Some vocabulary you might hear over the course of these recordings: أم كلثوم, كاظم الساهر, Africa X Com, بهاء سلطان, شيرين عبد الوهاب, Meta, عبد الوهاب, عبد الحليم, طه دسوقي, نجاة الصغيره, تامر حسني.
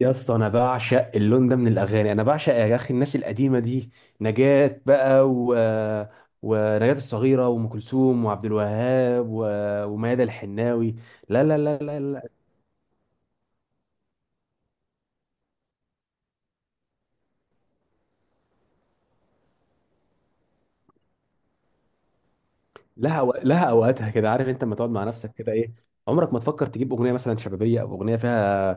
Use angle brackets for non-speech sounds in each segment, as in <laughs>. يا اسطى، انا بعشق اللون ده من الاغاني. انا بعشق يا اخي الناس القديمه دي. نجاة بقى، ونجاة الصغيره وام كلثوم وعبد الوهاب وميادة الحناوي. لا لا لا لا لا. لها اوقاتها كده. عارف انت لما تقعد مع نفسك كده ايه؟ عمرك ما تفكر تجيب اغنيه مثلا شبابيه، او اغنيه فيها،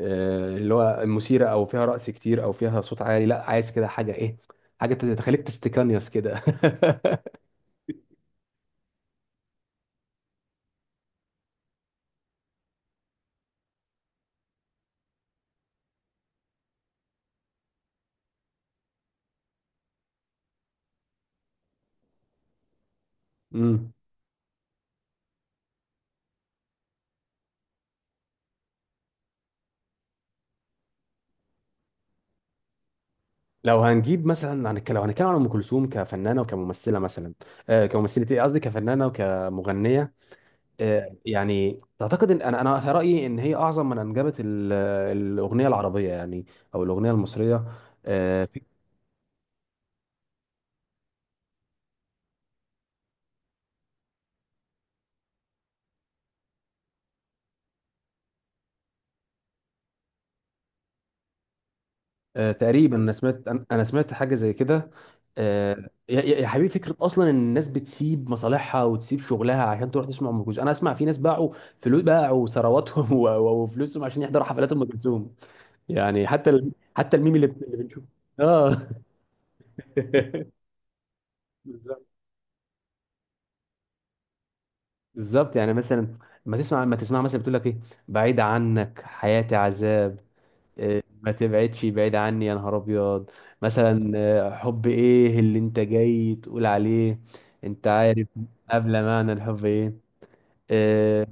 اللي هو مثيره، او فيها رقص كتير، او فيها صوت عالي. لا، عايز كده حاجه ايه، حاجه تخليك تستكانيوس كده. <laughs> امم لو هنتكلم عن ام كلثوم كفنانه وكممثله مثلا. كممثله، ايه قصدي، كفنانه وكمغنيه. يعني تعتقد ان انا في رايي ان هي اعظم من انجبت الاغنيه العربيه، يعني، او الاغنيه المصريه. آه في- تقريبا، انا سمعت انا أنا سمعت حاجه زي كده. يا حبيبي، فكره اصلا ان الناس بتسيب مصالحها وتسيب شغلها عشان تروح تسمع ام كلثوم. انا اسمع في ناس باعوا فلوس، باعوا ثرواتهم <laughs> وفلوسهم عشان يحضروا حفلات ام كلثوم. يعني حتى حتى الميم اللي بنشوفه. اه <laughs> بالظبط. بالظبط، يعني مثلا. ما تسمع مثلا، بتقول لك ايه؟ بعيد عنك حياتي عذاب، إيه، ما تبعدش بعيد عني يا نهار ابيض، مثلا، حب ايه اللي انت جاي تقول عليه. انت عارف قبل معنى الحب ايه؟ اه.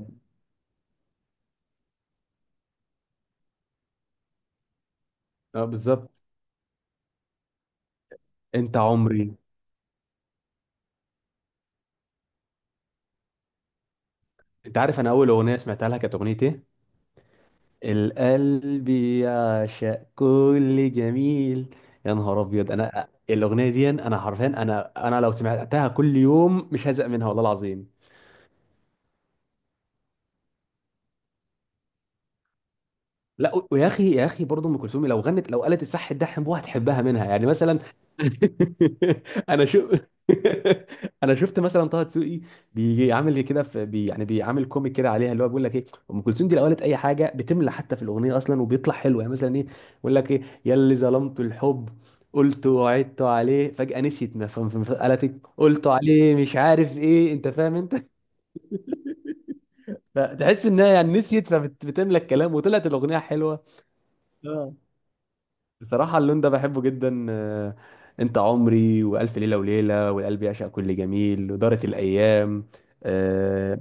بالظبط. انت عمري. انت عارف انا اول اغنيه سمعتها لها كانت اغنيه ايه؟ القلب يعشق كل جميل. يا نهار ابيض، انا الاغنيه دي انا حرفيا، انا لو سمعتها كل يوم مش هزهق منها والله العظيم. لا، ويا اخي يا اخي برضه، ام كلثوم لو غنت، لو قالت الصح ده، حبوها، هتحبها منها يعني، مثلا. <laughs> انا شو <laughs> انا شفت مثلا طه دسوقي بيجي عامل كده في بي، يعني بيعمل كوميك كده عليها، اللي هو بيقول لك ايه، ام كلثوم دي لو قالت اي حاجه بتملى حتى في الاغنيه اصلا، وبيطلع حلو يعني. مثلا ايه بيقول لك ايه؟ يا اللي ظلمت الحب، قلت وعدت عليه فجأة نسيت، ما فهم قالت إيه؟ قلت عليه مش عارف ايه، انت فاهم انت. فتحس انها يعني نسيت، فبتملى الكلام وطلعت الاغنيه حلوه. اه. بصراحة اللون ده بحبه جدا. انت عمري، والف ليلة وليلة، والقلب يعشق كل جميل، ودارت الايام. آه،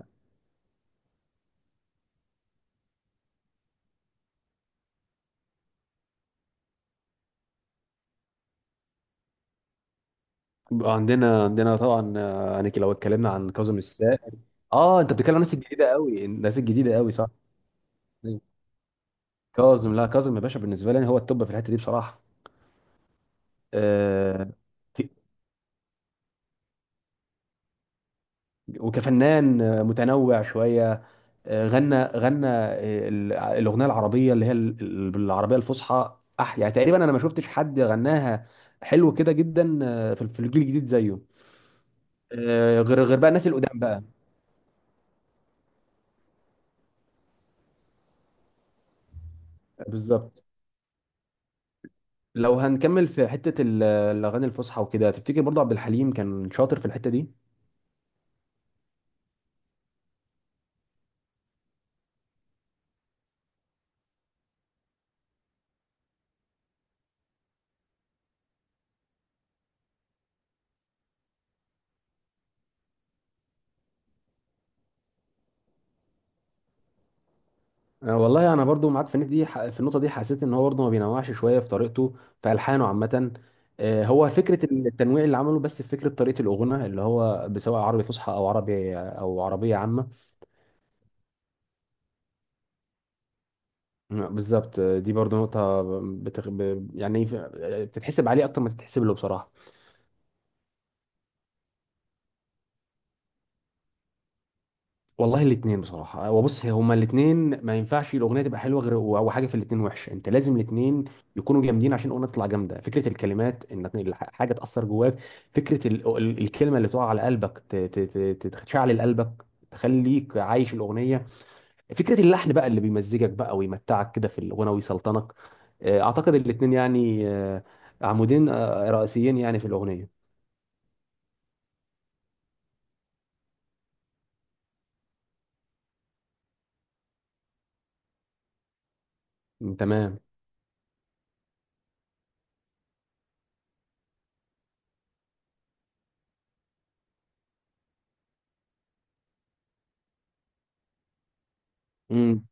عندنا طبعا. يعني لو اتكلمنا عن كاظم الساهر. اه، انت بتتكلم عن الناس الجديدة قوي، الناس الجديدة قوي، صح. كاظم، لا، كاظم يا باشا بالنسبة لي هو التوب في الحتة دي بصراحة. آه، ت- وكفنان، متنوع شوية. غنى، الاغنيه العربيه اللي هي بالعربيه الفصحى، يعني تقريبا انا ما شفتش حد غناها حلو كده جدا، في الجيل الجديد زيه. غير بقى الناس القدام بقى. بالظبط. لو هنكمل في حته الاغاني الفصحى وكده، تفتكر برضه عبد الحليم كان شاطر في الحته دي؟ والله انا برضو معاك في النقطه دي، حسيت ان هو برضو ما بينوعش شويه في طريقته، في الحانه عامه. هو فكره التنويع اللي عمله، بس في فكره طريقه الاغنيه اللي هو سواء عربي فصحى او عربي او عربيه عامه. بالظبط. دي برضو نقطه يعني بتتحسب عليه اكتر ما تتحسب له بصراحه. والله الاثنين بصراحه. وبص، هي هما الاثنين ما ينفعش الاغنيه تبقى حلوه غير، او حاجه في الاثنين وحشه. انت لازم الاثنين يكونوا جامدين عشان الاغنيه تطلع جامده. فكره الكلمات ان حاجه تاثر جواك، فكره الكلمه اللي تقع على قلبك، تشعل قلبك، تخليك عايش الاغنيه. فكره اللحن بقى اللي بيمزجك بقى ويمتعك كده في الاغنيه ويسلطنك. اعتقد الاثنين يعني، عمودين رئيسيين يعني في الاغنيه. تمام. امم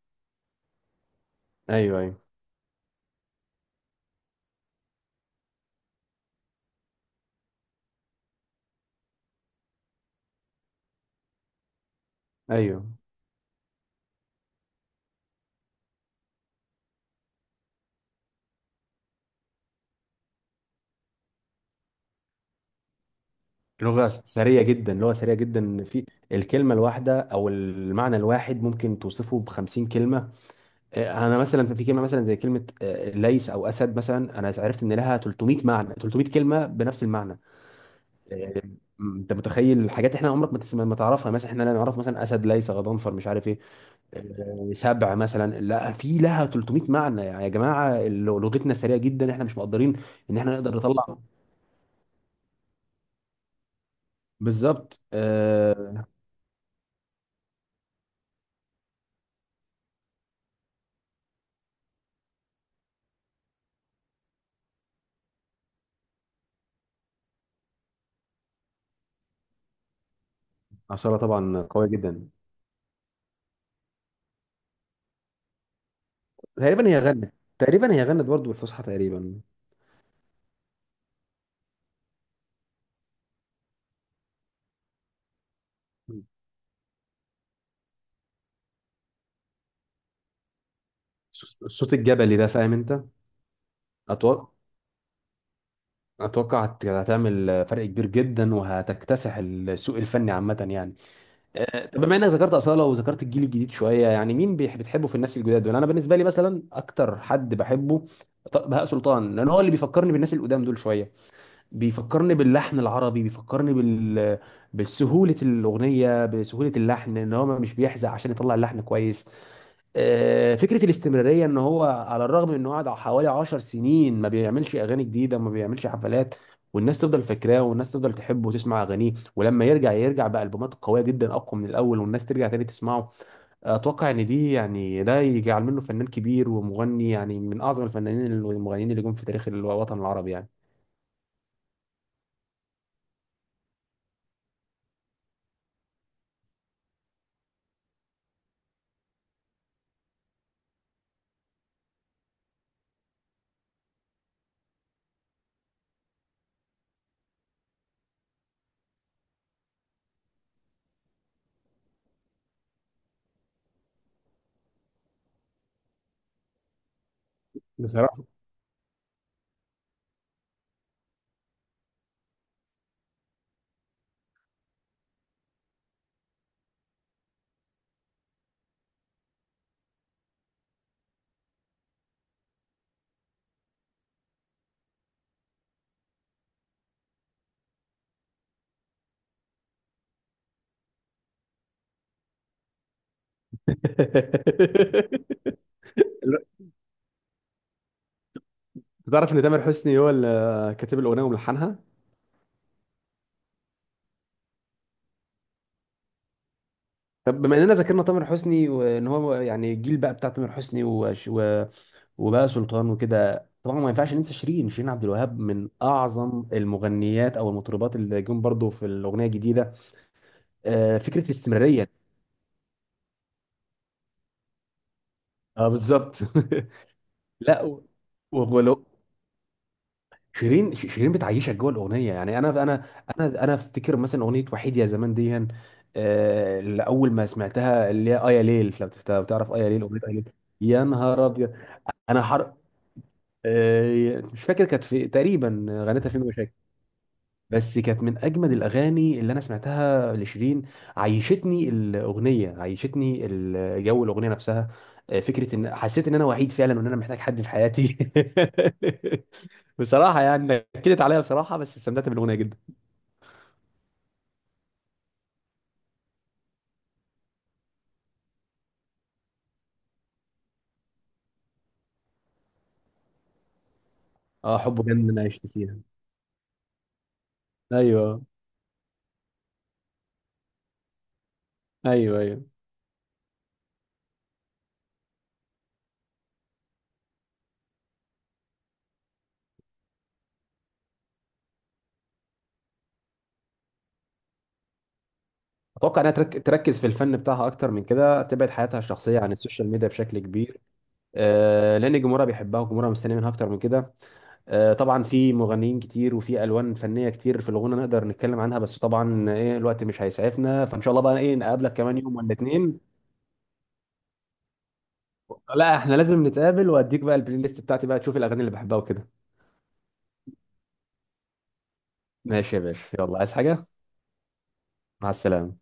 ايوه، ايوه، ايوه. لغة سريع جدا في الكلمة الواحدة أو المعنى الواحد ممكن توصفه بخمسين كلمة. أنا مثلا في كلمة، مثلا زي كلمة، ليس أو أسد مثلا، أنا عرفت إن لها 300 معنى، 300 كلمة بنفس المعنى. آه، أنت متخيل؟ حاجات إحنا عمرك ما تعرفها، مثلا. إحنا لا نعرف، مثلا، أسد، ليس، غضنفر، مش عارف إيه، سبع مثلا، لا، في لها 300 معنى. يعني يا جماعة لغتنا سريعة جدا، إحنا مش مقدرين إن إحنا نقدر نطلع. بالظبط. عصارة طبعا قوية جدا. تقريبا هي غنت برضه بالفصحى تقريبا. الصوت الجبلي ده، فاهم انت؟ اتوقع، هتعمل فرق كبير جدا، وهتكتسح السوق الفني عامه يعني. طب بما انك ذكرت اصاله وذكرت الجيل الجديد شويه، يعني مين بتحبه في الناس الجداد دول؟ انا بالنسبه لي مثلا، اكتر حد بحبه، بهاء سلطان. لان هو اللي بيفكرني بالناس القدام دول شويه. بيفكرني باللحن العربي، بيفكرني بسهولة الأغنية، بسهولة اللحن، إن هو مش بيحزق عشان يطلع اللحن كويس. فكرة الاستمرارية، إن هو على الرغم من إنه قعد حوالي عشر سنين ما بيعملش أغاني جديدة، ما بيعملش حفلات، والناس تفضل فاكراه، والناس تفضل تحبه وتسمع أغانيه. ولما يرجع يرجع بألبومات قوية جدا، أقوى من الأول، والناس ترجع تاني تسمعه. أتوقع إن دي يعني ده يجعل منه فنان كبير ومغني، يعني من أعظم الفنانين المغنيين اللي جم في تاريخ الوطن العربي يعني. <laughs> تعرف ان تامر حسني هو اللي كاتب الاغنيه وملحنها؟ طب بما اننا ذكرنا تامر حسني، وان هو يعني الجيل بقى بتاع تامر حسني، وبقى سلطان وكده، طبعا ما ينفعش ننسى شيرين. شيرين عبد الوهاب من اعظم المغنيات او المطربات اللي جم برضو في الاغنيه الجديده. فكره الاستمراريه. اه، بالظبط. <laughs> لا، وغلو. شيرين بتعيشك جوه الاغنيه يعني. انا افتكر مثلا اغنيه وحيد يا زمان دي، اللي اول ما سمعتها، اللي هي اه يا ليل، لو تعرف اه يا ليل، اغنيه اه يا ليل، يا نهار ابيض، انا حر. مش فاكر كانت في تقريبا، غنيتها فين مش، بس كانت من اجمد الاغاني اللي انا سمعتها لشيرين. عيشتني الاغنيه، عيشتني جو الاغنيه نفسها. فكره ان حسيت ان انا وحيد فعلا وان انا محتاج حد في حياتي. <laughs> بصراحه يعني، نكدت عليا بصراحه، بس استمتعت بالاغنيه جدا. اه، حب جنة انا عشت فيها. ايوه، ايوه، ايوه. اتوقع انها تركز في الفن بتاعها اكتر من كده، تبعد حياتها الشخصيه عن السوشيال ميديا بشكل كبير. آه، لان جمهورها بيحبها وجمهورها مستني منها اكتر من كده. طبعا في مغنيين كتير وفي الوان فنيه كتير في الغنى نقدر نتكلم عنها، بس طبعا ايه الوقت مش هيسعفنا، فان شاء الله بقى ايه نقابلك كمان يوم ولا اتنين. لا، احنا لازم نتقابل، واديك بقى البلاي ليست بتاعتي بقى تشوف الاغاني اللي بحبها وكده. ماشي يا باشا، يلا، عايز حاجه؟ مع السلامه.